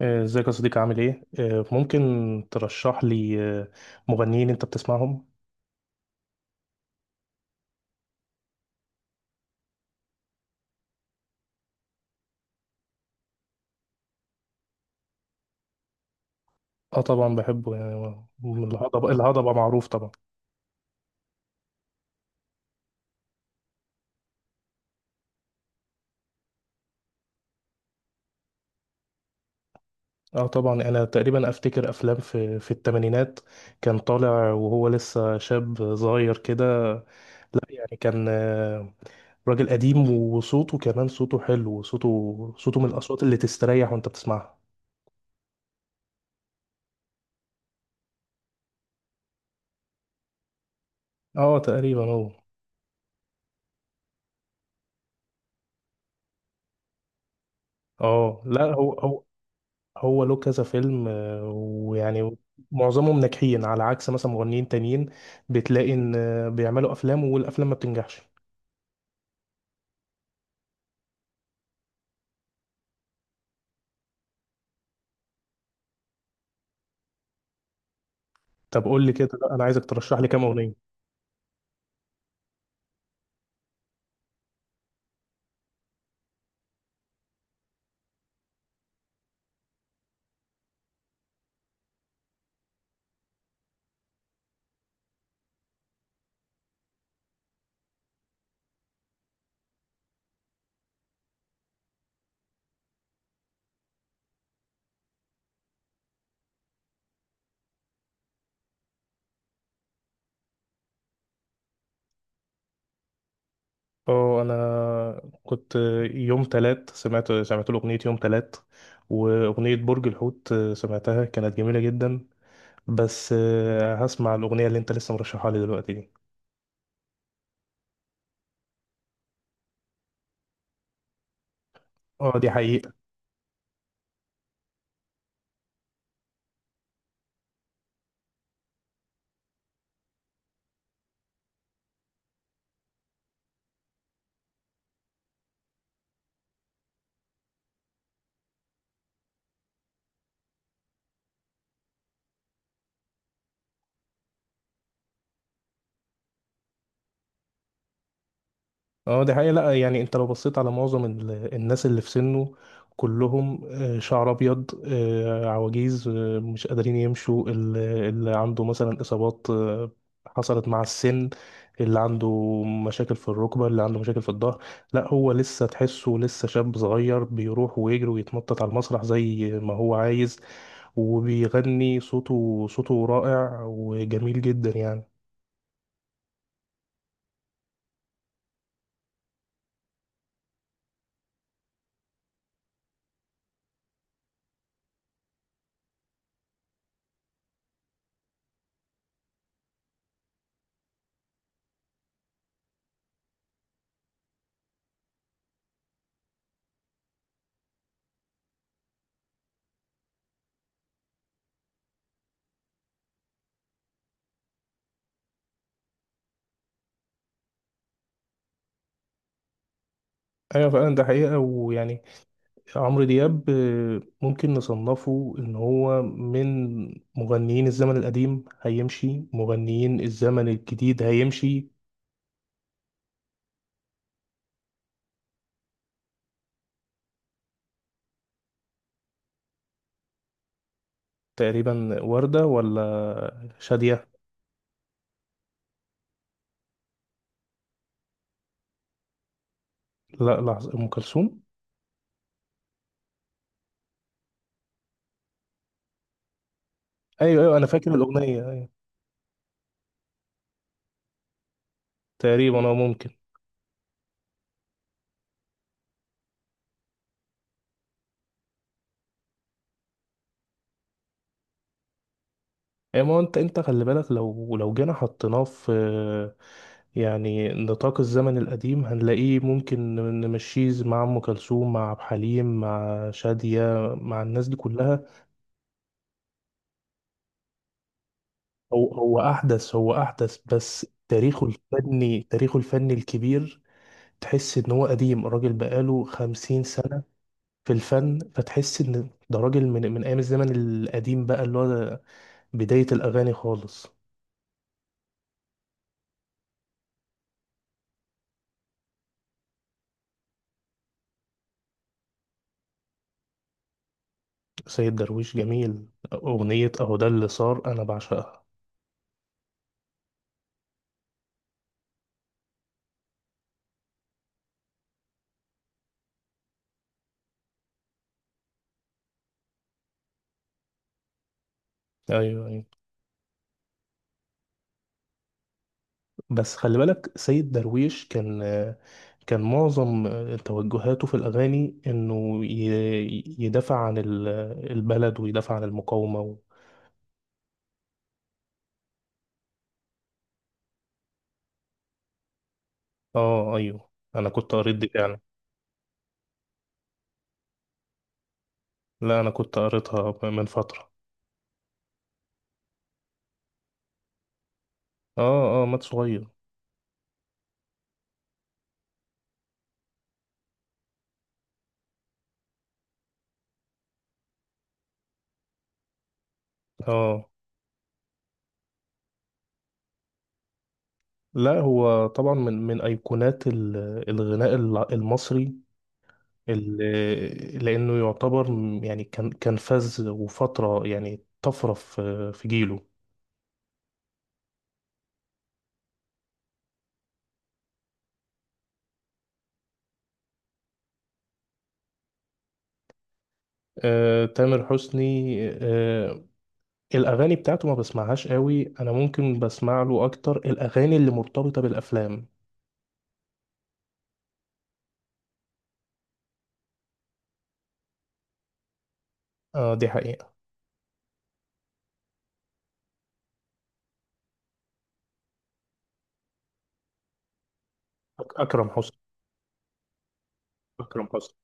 ازيك يا صديقي عامل ايه؟ ممكن ترشح لي مغنيين انت بتسمعهم؟ اه طبعا بحبه، يعني الهضبة معروف طبعا. اه طبعا انا تقريبا افتكر افلام في الثمانينات، كان طالع وهو لسه شاب صغير كده. يعني كان راجل قديم، وصوته كمان صوته حلو، وصوته من الاصوات اللي تستريح وانت بتسمعها. اه تقريبا هو. اه لا، هو له كذا فيلم، ويعني معظمهم ناجحين، على عكس مثلا مغنيين تانيين بتلاقي ان بيعملوا افلام والافلام ما بتنجحش. طب قول لي كده، لا، انا عايزك ترشح لي كام اغنيه. اه، انا كنت يوم تلات سمعت له اغنيه يوم تلات، واغنيه برج الحوت سمعتها كانت جميله جدا. بس هسمع الاغنيه اللي انت لسه مرشحها لي دلوقتي دي. اه، دي حقيقه. اه دي حقيقة، لا يعني انت لو بصيت على معظم الناس اللي في سنه، كلهم شعر ابيض، عواجيز، مش قادرين يمشوا، اللي عنده مثلا اصابات حصلت مع السن، اللي عنده مشاكل في الركبة، اللي عنده مشاكل في الظهر. لا، هو لسه تحسه لسه شاب صغير، بيروح ويجري ويتنطط على المسرح زي ما هو عايز، وبيغني، صوته رائع وجميل جدا يعني. ايوه فعلا ده حقيقة، ويعني عمرو دياب ممكن نصنفه ان هو من مغنيين الزمن القديم هيمشي، مغنيين الزمن الجديد هيمشي. تقريبا وردة ولا شادية. لا، لحظة، ام كلثوم. ايوه ايوه، انا فاكر الاغنية، أيوة. تقريبا، اه ممكن. اي، ما هو انت خلي بالك لو جينا حطيناه في يعني نطاق الزمن القديم، هنلاقيه ممكن نمشيه مع ام كلثوم، مع عبد الحليم، مع شادية، مع الناس دي كلها. هو احدث، هو احدث، بس تاريخه الفني الكبير، تحس ان هو قديم. الراجل بقاله 50 سنة في الفن، فتحس ان ده راجل من ايام الزمن القديم بقى، اللي هو بداية الاغاني خالص. سيد درويش جميل، اغنية اهو ده اللي صار انا بعشقها. ايوه ايوه. بس خلي بالك سيد درويش كان معظم توجهاته في الاغاني انه يدافع عن البلد، ويدافع عن المقاومة. اه ايوه، انا كنت قريت دي فعلا. لا، انا كنت قريتها من فترة. اه اه، مات صغير. اه. لا، هو طبعا من ايقونات الغناء المصري، اللي، لانه يعتبر، يعني كان فاز وفترة، يعني طفرة في جيله. آه تامر حسني، آه، الاغاني بتاعته ما بسمعهاش قوي. انا ممكن بسمع له اكتر الاغاني اللي مرتبطة بالافلام. اه دي حقيقة. اكرم حسني. اكرم حسني.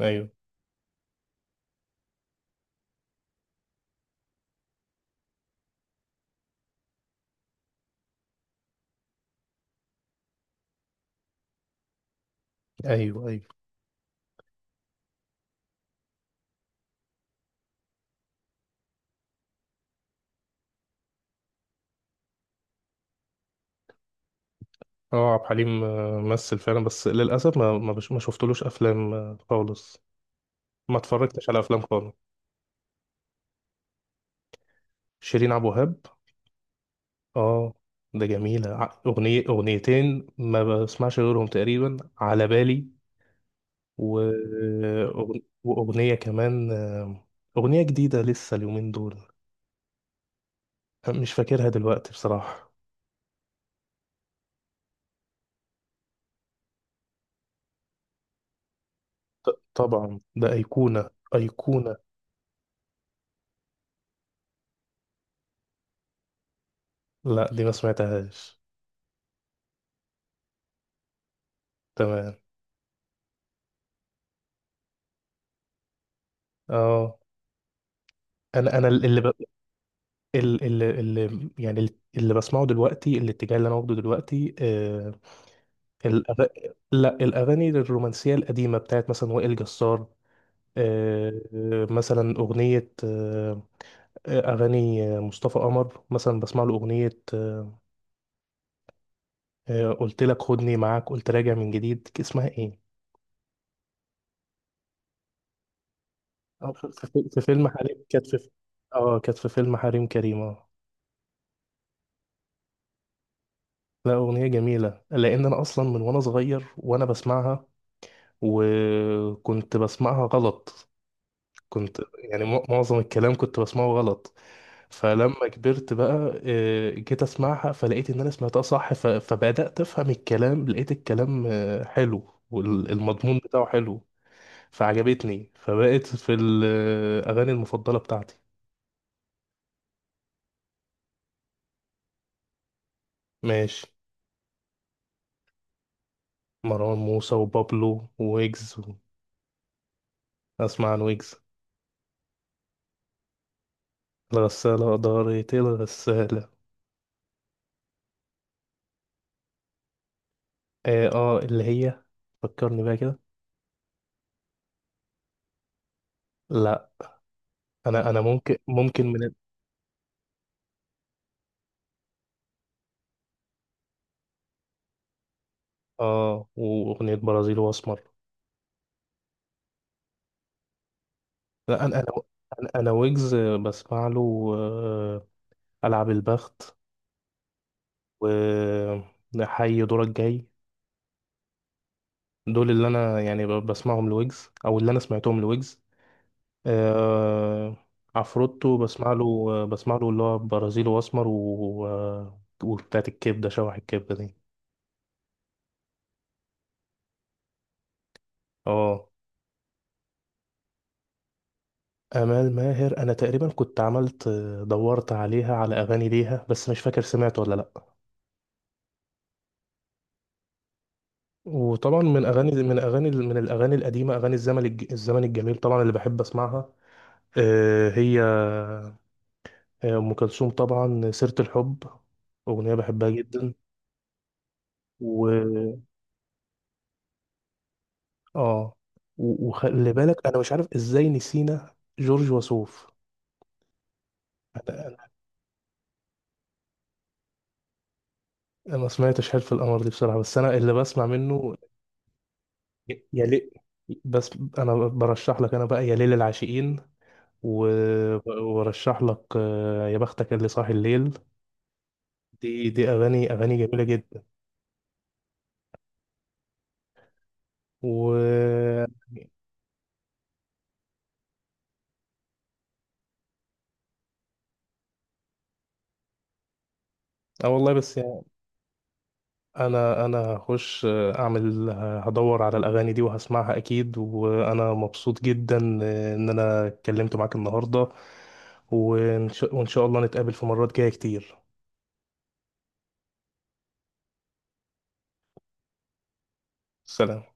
ايوه ايوه ايوه. اه عبد الحليم مثل فعلا، بس للاسف ما شفتلوش افلام خالص. ما اتفرجتش على افلام خالص. شيرين عبد الوهاب. اه، ده جميله، اغنيه اغنيتين ما بسمعش غيرهم تقريبا على بالي. و... واغنيه كمان، اغنيه جديده لسه اليومين دول مش فاكرها دلوقتي بصراحه. طبعا، ده ايقونه ايقونه. لا دي ما سمعتهاش. تمام. اه. انا انا اللي ب... ال ال ال يعني اللي بسمعه دلوقتي، الاتجاه اللي انا واخده دلوقتي. الأغ... لا، الاغاني الرومانسيه القديمه، بتاعت مثلا وائل جسار، مثلا اغنيه، اغاني، مصطفى قمر مثلا، بسمع له اغنيه. قلت لك خدني معاك، قلت راجع من جديد، اسمها ايه؟ في في فيلم حريم كانت في. اه كانت في فيلم حريم كريم. اه، لا اغنيه جميله، لان انا اصلا من وانا صغير وانا بسمعها، وكنت بسمعها غلط، كنت يعني معظم الكلام كنت بسمعه غلط. فلما كبرت بقى جيت اسمعها، فلقيت ان انا سمعتها صح، فبدأت افهم الكلام، لقيت الكلام حلو والمضمون بتاعه حلو، فعجبتني، فبقت في الاغاني المفضلة بتاعتي. ماشي. مروان موسى وبابلو ويجز اسمع عن ويجز. الغسالة دارت الغسالة. اه، اللي هي، فكرني بقى كده. لا، انا ممكن من. اه، واغنيه برازيل واسمر. لا، انا ويجز بسمع له العب البخت، و حي دورك جاي، دول اللي انا يعني بسمعهم لويجز، او اللي انا سمعتهم لويجز. آه، عفروتو بسمع له اللي هو برازيل واسمر وبتاعت الكبده، شوح الكبده دي. اه، امال ماهر انا تقريبا كنت عملت، دورت عليها على اغاني ليها، بس مش فاكر سمعت ولا لا. وطبعا من اغاني من اغاني من الاغاني القديمه، اغاني الزمن الزمن الجميل طبعا اللي بحب اسمعها. آه، هي هي ام كلثوم طبعا، سيره الحب، اغنيه بحبها جدا. و اه. وخلي بالك، انا مش عارف ازاي نسينا جورج وسوف. انا ما سمعتش حلف القمر دي بصراحه، بس انا اللي بسمع منه يا ليل. بس انا برشح لك، انا بقى يا ليل العاشقين، و- وبرشح لك يا بختك اللي صاحي الليل، دي اغاني اغاني جميله جدا. و اه والله، بس يعني انا هخش اعمل، هدور على الاغاني دي وهسمعها اكيد، وانا مبسوط جدا ان انا اتكلمت معاك النهارده، وإن شاء الله نتقابل في مرات جايه كتير. سلام.